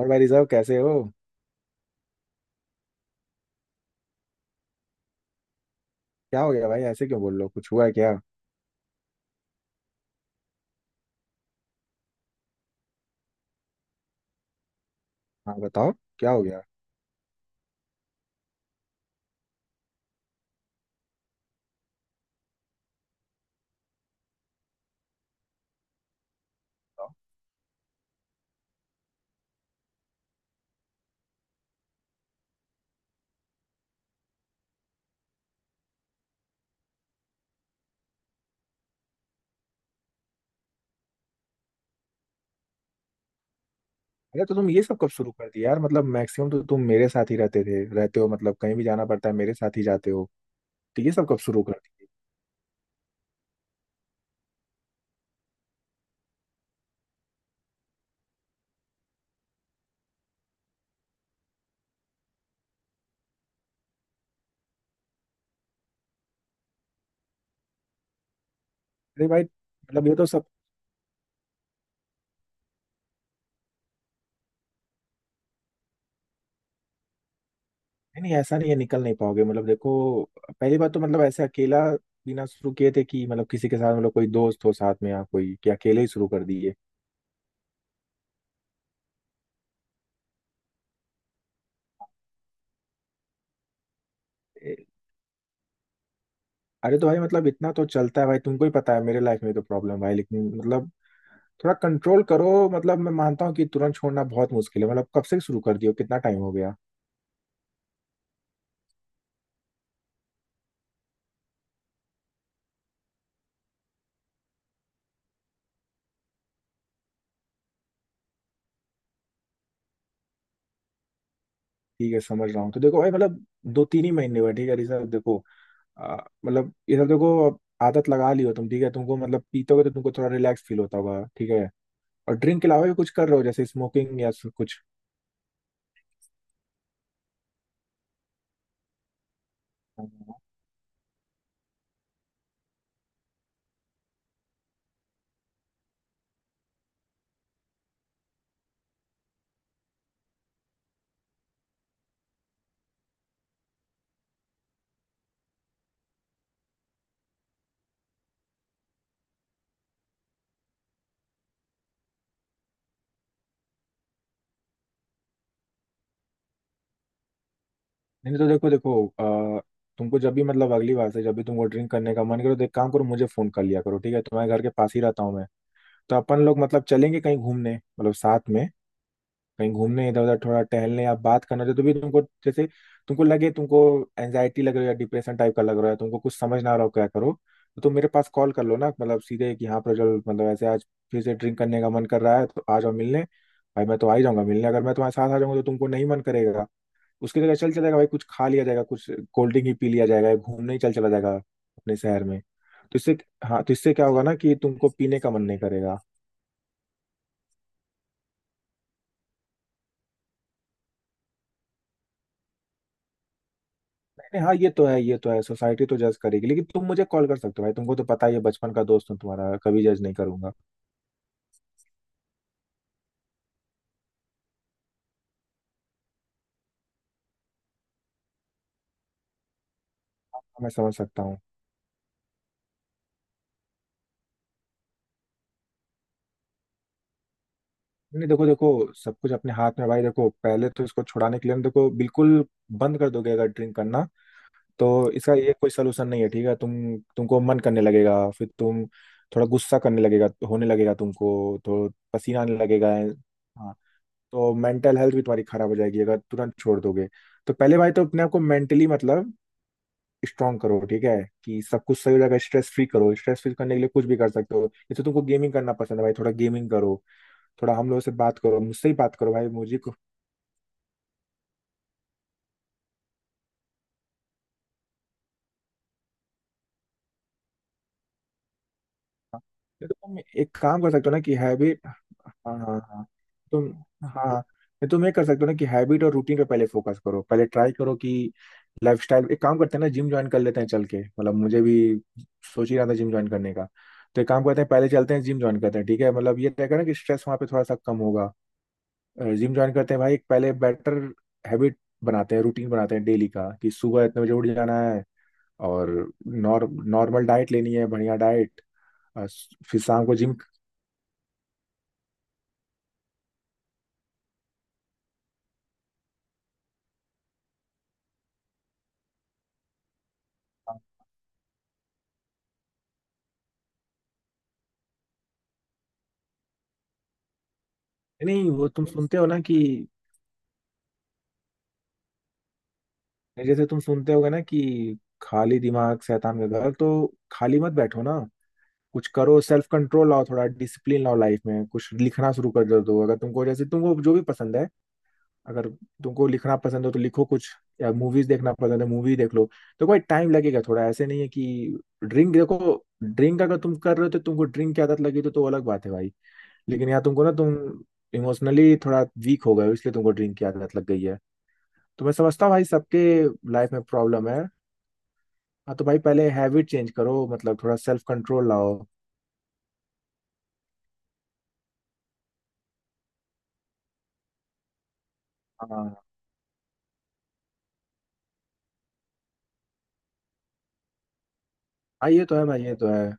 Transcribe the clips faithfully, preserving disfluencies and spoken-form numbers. और भाई साहब, कैसे हो? क्या हो गया भाई? ऐसे क्यों बोल रहे हो? कुछ हुआ है क्या? हाँ, बताओ। क्या हो गया? बताओ। अरे तो तुम ये सब कब शुरू कर दिया यार? मतलब मैक्सिमम तो तुम मेरे साथ ही रहते थे, रहते हो, मतलब कहीं भी जाना पड़ता है मेरे साथ ही जाते हो, तो ये सब कब शुरू कर दिए? अरे भाई, मतलब ये तो सब। नहीं नहीं, ऐसा नहीं है, निकल नहीं पाओगे? मतलब देखो, पहली बात तो, मतलब ऐसे अकेला बिना शुरू किए थे कि मतलब किसी के साथ, मतलब कोई दोस्त हो साथ में, या कोई, कि अकेले ही शुरू कर दिए? ए, अरे तो भाई, मतलब इतना तो चलता है भाई। तुमको ही पता है मेरे लाइफ में तो प्रॉब्लम भाई, लेकिन मतलब थोड़ा कंट्रोल करो। मतलब मैं मानता हूँ कि तुरंत छोड़ना बहुत मुश्किल है। मतलब कब से शुरू कर दियो, कितना टाइम हो गया? ठीक है, समझ रहा हूँ। तो देखो भाई, मतलब दो तीन ही महीने हुए, ठीक है ऋषभ, देखो। आ, मतलब ये सब देखो, अब आदत लगा लियो तुम, ठीक है। तुमको मतलब पीतोगे तो तुमको थोड़ा रिलैक्स फील होता होगा, ठीक है। और ड्रिंक के अलावा भी कुछ कर रहे हो, जैसे स्मोकिंग या सु- कुछ? नहीं नहीं, तो देखो देखो, आ, तुमको जब भी, मतलब अगली बार से जब भी तुमको ड्रिंक करने का मन करो तो एक काम करो, मुझे फोन कर लिया करो, ठीक है? तुम्हारे घर के पास ही रहता हूँ मैं। तो अपन लोग मतलब चलेंगे कहीं घूमने, मतलब साथ में, कहीं घूमने, इधर उधर थोड़ा टहलने या बात करना जो। तो भी तुमको जैसे तुमको लगे तुमको एंजाइटी लग रही है या डिप्रेशन टाइप का लग रहा है, तुमको कुछ समझ ना आ रहा हो क्या करो, तो तुम मेरे पास कॉल कर लो ना। मतलब सीधे कि हाँ प्रज्वल, मतलब ऐसे आज फिर से ड्रिंक करने का मन कर रहा है, तो आ जाओ मिलने। भाई मैं तो आ ही जाऊंगा मिलने। अगर मैं तुम्हारे साथ आ जाऊंगा तो तुमको नहीं मन करेगा। उसकी जगह चल चलेगा भाई, कुछ खा लिया जाएगा, कुछ कोल्ड ड्रिंक ही पी लिया जाएगा, या घूमने ही चल चला जाएगा अपने शहर में, तो इससे। हाँ, तो इससे क्या होगा ना कि तुमको पीने का मन नहीं करेगा। नहीं, हाँ, ये तो है, ये तो है, सोसाइटी तो जज करेगी, लेकिन तुम मुझे कॉल कर सकते हो भाई। तुमको तो पता ही है, बचपन का दोस्त हूँ तुम्हारा, कभी जज नहीं करूंगा। मैं समझ सकता हूँ। नहीं देखो देखो, सब कुछ अपने हाथ में भाई। देखो, पहले तो इसको छुड़ाने के लिए ना, देखो, बिल्कुल बंद कर दोगे अगर ड्रिंक करना, तो इसका ये कोई सलूशन नहीं है, ठीक है। तुम तुमको मन करने लगेगा, फिर तुम थोड़ा गुस्सा करने लगेगा, होने लगेगा तुमको, तो पसीना आने लगेगा। हाँ, तो मेंटल हेल्थ भी तुम्हारी खराब हो जाएगी अगर तुरंत छोड़ दोगे। तो पहले भाई तो अपने आप को मेंटली मतलब स्ट्रॉन्ग करो, ठीक है, कि सब कुछ सही हो जाएगा। स्ट्रेस फ्री करो, स्ट्रेस फ्री करने के लिए कुछ भी कर सकते हो। जैसे तुमको गेमिंग करना पसंद है भाई, थोड़ा गेमिंग करो, थोड़ा हम लोगों से बात करो, मुझसे ही बात करो भाई, मुझे को। नहीं तो तुम एक काम कर सकते हो ना कि हैबिट, हाँ हाँ हाँ, तुम, हाँ हाँ। नहीं तुम ये कर सकते हो ना कि हैबिट और रूटीन पे पहले फोकस करो, पहले ट्राई करो कि लाइफस्टाइल, एक काम करते हैं ना, जिम ज्वाइन कर लेते हैं चल के। मतलब मुझे भी सोच ही रहा था जिम ज्वाइन करने का, तो एक काम करते हैं, पहले चलते हैं, जिम ज्वाइन करते हैं, ठीक है? मतलब ये रहेगा ना कि स्ट्रेस वहाँ पे थोड़ा सा कम होगा। जिम ज्वाइन करते हैं भाई, एक पहले बेटर हैबिट बनाते हैं, रूटीन बनाते हैं डेली का, कि सुबह इतने बजे उठ जाना है, और नॉर नॉर्मल डाइट लेनी है, बढ़िया डाइट, और फिर शाम को जिम। नहीं वो तुम सुनते हो ना कि, जैसे तुम सुनते होगे ना कि खाली दिमाग शैतान का घर, तो खाली मत बैठो ना, कुछ करो, सेल्फ कंट्रोल लाओ, थोड़ा डिसिप्लिन लाओ लाइफ में, कुछ लिखना शुरू कर दो अगर तुमको, जैसे तुमको जो भी पसंद है, अगर तुमको लिखना पसंद हो तो लिखो कुछ, या मूवीज देखना पसंद है, मूवी देख लो। तो भाई टाइम लगेगा थोड़ा, ऐसे नहीं है कि ड्रिंक, देखो, ड्रिंक अगर तुम कर रहे हो तो, तुमको ड्रिंक की आदत लगी तो तो अलग बात है भाई, लेकिन यहाँ तुमको ना, तुम इमोशनली थोड़ा वीक हो गए हो, इसलिए तुमको ड्रिंक की आदत लग गई है। तो मैं समझता हूँ भाई, सबके लाइफ में प्रॉब्लम है। हाँ तो भाई पहले हैबिट चेंज करो, मतलब थोड़ा सेल्फ कंट्रोल लाओ। हाँ हाँ, ये तो है भाई, ये तो है।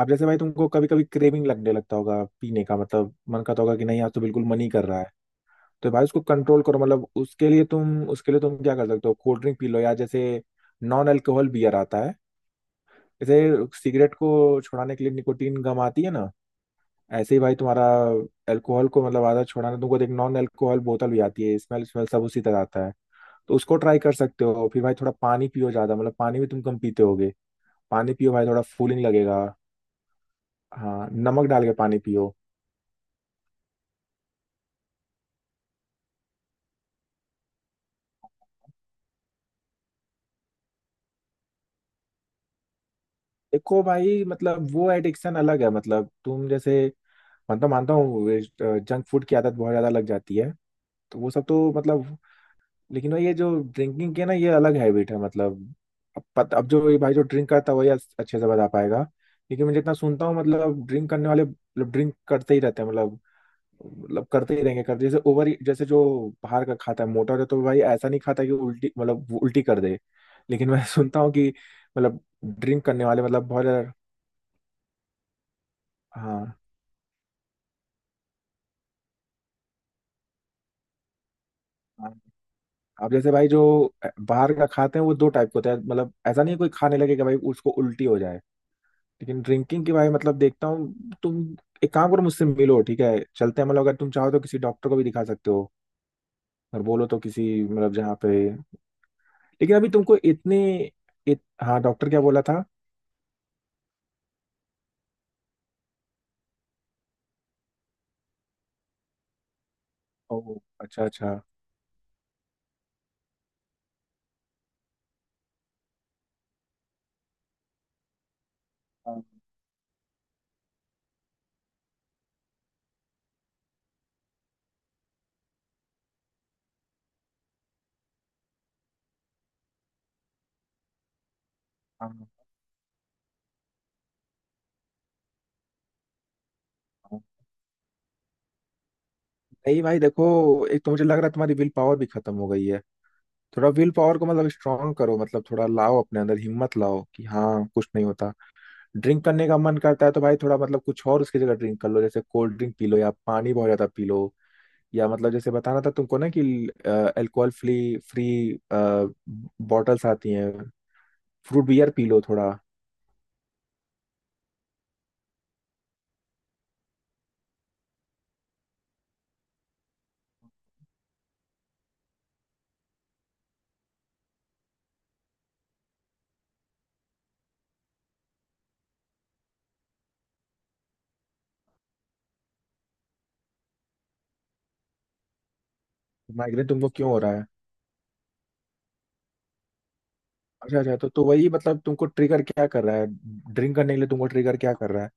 अब जैसे भाई तुमको कभी कभी क्रेविंग लगने लगता होगा पीने का, मतलब मन करता होगा कि नहीं, आज तो बिल्कुल मन ही कर रहा है, तो भाई उसको कंट्रोल करो। मतलब उसके लिए तुम, उसके लिए तुम क्या कर सकते हो? कोल्ड ड्रिंक पी लो, या जैसे नॉन अल्कोहल बियर आता है, जैसे सिगरेट को छुड़ाने के लिए निकोटीन गम आती है ना, ऐसे ही भाई तुम्हारा अल्कोहल को, मतलब आदत छुड़ाने तुमको एक नॉन अल्कोहल बोतल भी आती है, स्मेल स्मेल सब उसी तरह आता है, तो उसको ट्राई कर सकते हो। फिर भाई थोड़ा पानी पियो ज्यादा, मतलब पानी भी तुम कम पीते होगे, पानी पियो भाई, थोड़ा फूलिंग लगेगा। हाँ, नमक डाल के पानी पियो। देखो भाई, मतलब वो एडिक्शन अलग है। मतलब तुम जैसे, मतलब मानता हूँ जंक फूड की आदत बहुत ज्यादा लग जाती है, तो वो सब तो मतलब, लेकिन ये जो ड्रिंकिंग की है ना, ये अलग हैबिट है। मतलब अब पत, अब जो ये भाई, जो ड्रिंक करता है वही अच्छ- अच्छे से बता पाएगा, क्योंकि मैं जितना सुनता हूँ, मतलब ड्रिंक करने वाले, मतलब ड्रिंक करते ही रहते हैं, मतलब, मतलब करते ही रहेंगे, करते, जैसे ओवर, जैसे जो बाहर का खाता है मोटा है, तो भाई ऐसा नहीं खाता कि उल्टी, मतलब वो उल्टी कर दे। लेकिन मैं सुनता हूँ कि मतलब ड्रिंक करने वाले, मतलब बहुत। हाँ हाँ। अब जैसे भाई जो बाहर का खाते हैं, वो दो टाइप के होता है, मतलब ऐसा नहीं है कोई खाने लगे कि भाई उसको उल्टी हो जाए, लेकिन ड्रिंकिंग की भाई, मतलब देखता हूँ तुम, एक काम करो, मुझसे मिलो, ठीक है, चलते हैं, मतलब अगर तुम चाहो तो किसी डॉक्टर को भी दिखा सकते हो, और बोलो तो किसी, मतलब जहाँ पे, लेकिन अभी तुमको इतने, इत, हाँ, डॉक्टर क्या बोला था? ओह, अच्छा अच्छा। हाँ, हाँ, हाँ। नहीं भाई देखो, एक तो मुझे लग रहा है तुम्हारी विल पावर भी खत्म हो गई है, थोड़ा विल पावर को मतलब स्ट्रांग करो, मतलब थोड़ा लाओ अपने अंदर, हिम्मत लाओ कि हाँ, कुछ नहीं होता। ड्रिंक करने का मन करता है तो भाई थोड़ा, मतलब कुछ और उसकी जगह ड्रिंक कर लो, जैसे कोल्ड ड्रिंक पी लो, या पानी बहुत ज्यादा पी लो, या मतलब जैसे बताना था तुमको ना कि अल्कोहल फ्री फ्री बॉटल्स आती हैं, फ्रूट बियर पी लो थोड़ा। माइग्रेन तुमको क्यों हो रहा है? अच्छा अच्छा, तो तो वही, मतलब तुमको ट्रिगर क्या कर रहा है? ड्रिंक करने के लिए तुमको ट्रिगर क्या कर रहा है?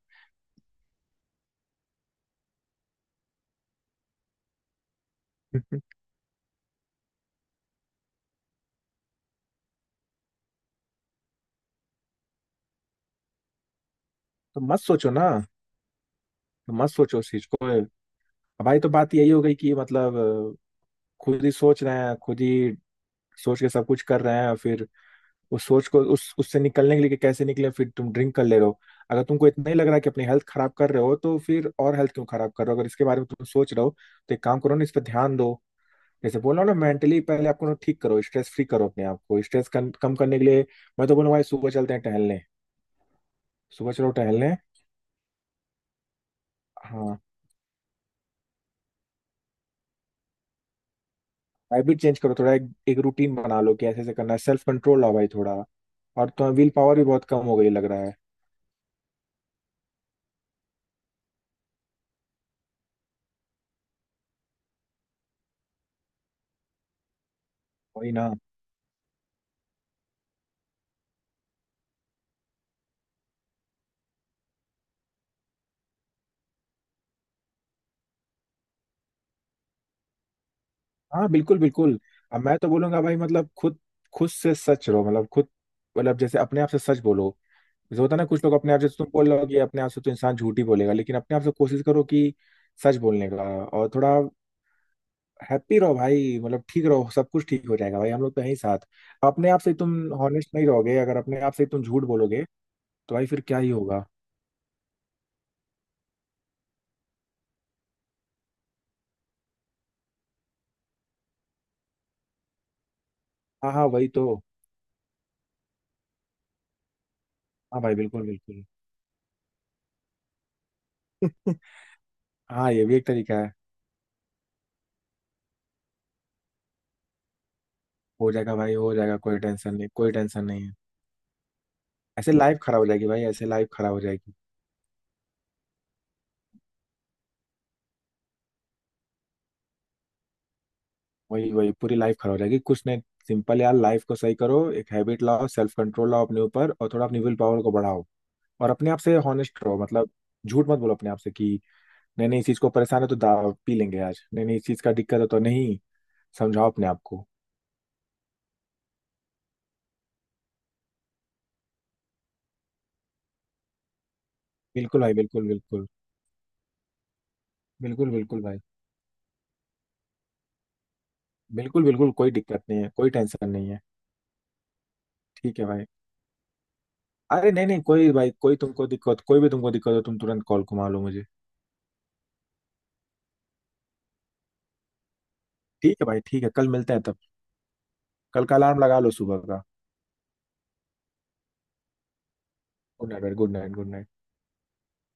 तो मत सोचो ना, तो मत सोचो उस चीज को अब। भाई तो बात यही हो गई कि, मतलब खुद ही सोच रहे हैं, खुद ही सोच के सब कुछ कर रहे हैं, और फिर उस सोच को, उस उससे निकलने के लिए कि कैसे निकले, फिर तुम ड्रिंक कर ले रहे हो। अगर तुमको इतना ही लग रहा है कि अपनी हेल्थ खराब कर रहे हो, तो फिर और हेल्थ क्यों खराब कर रहे हो अगर इसके बारे में तुम सोच रहे हो? तो एक काम करो ना, इस पर ध्यान दो, जैसे बोल रहा हूँ ना, मेंटली पहले आपको ना ठीक करो, स्ट्रेस फ्री करो अपने आप को, स्ट्रेस कम करने के लिए। मैं तो बोलूँ भाई, सुबह चलते हैं टहलने, सुबह चलो टहलने। हाँ, हैबिट चेंज करो थोड़ा, एक, एक रूटीन बना लो कि ऐसे ऐसे करना है, सेल्फ कंट्रोल लाओ भाई थोड़ा, और तो विल पावर भी बहुत कम हो गई लग रहा है। वही ना। हाँ बिल्कुल बिल्कुल। अब मैं तो बोलूंगा भाई, मतलब खुद खुद से सच रहो, मतलब खुद, मतलब जैसे अपने आप से सच बोलो, जैसे होता है ना कुछ लोग, अपने आप से, तुम बोल रहे हो कि अपने आप से तो इंसान झूठ ही बोलेगा, लेकिन अपने आप से कोशिश करो कि सच बोलने का, और थोड़ा हैप्पी रहो भाई, मतलब ठीक रहो, सब कुछ ठीक हो जाएगा भाई, हम लोग तो हैं ही साथ। अपने आप से तुम हॉनेस्ट नहीं रहोगे, अगर अपने आप से तुम झूठ बोलोगे, तो भाई फिर क्या ही होगा? हाँ हाँ, वही तो। हाँ भाई, बिल्कुल बिल्कुल। हाँ, ये भी एक तरीका है। हो जाएगा भाई हो जाएगा, कोई टेंशन नहीं, कोई टेंशन नहीं है। ऐसे लाइफ खराब हो जाएगी भाई, ऐसे लाइफ खराब हो जाएगी। वही वही, पूरी लाइफ खराब हो जाएगी, कुछ नहीं। सिंपल यार, लाइफ को सही करो, एक हैबिट लाओ, सेल्फ कंट्रोल लाओ अपने ऊपर, और थोड़ा अपनी विल पावर को बढ़ाओ, और अपने आप से हॉनेस्ट रहो, मतलब झूठ मत बोलो अपने आप से कि नहीं नहीं, इस चीज को परेशान है तो दा- पी लेंगे आज, नहीं नहीं, इस चीज का दिक्कत है तो नहीं, समझाओ अपने आप को। बिल्कुल भाई, बिल्कुल बिल्कुल, बिल्कुल बिल्कुल भाई, बिल्कुल बिल्कुल, कोई दिक्कत नहीं है, कोई टेंशन नहीं है, ठीक है भाई। अरे नहीं नहीं, कोई भाई, कोई तुमको दिक्कत, कोई भी तुमको दिक्कत हो तुम तुरंत कॉल को मार लो मुझे। ठीक है भाई, ठीक है, कल मिलते हैं तब। कल का अलार्म लगा लो सुबह का। Good night, good night, good night.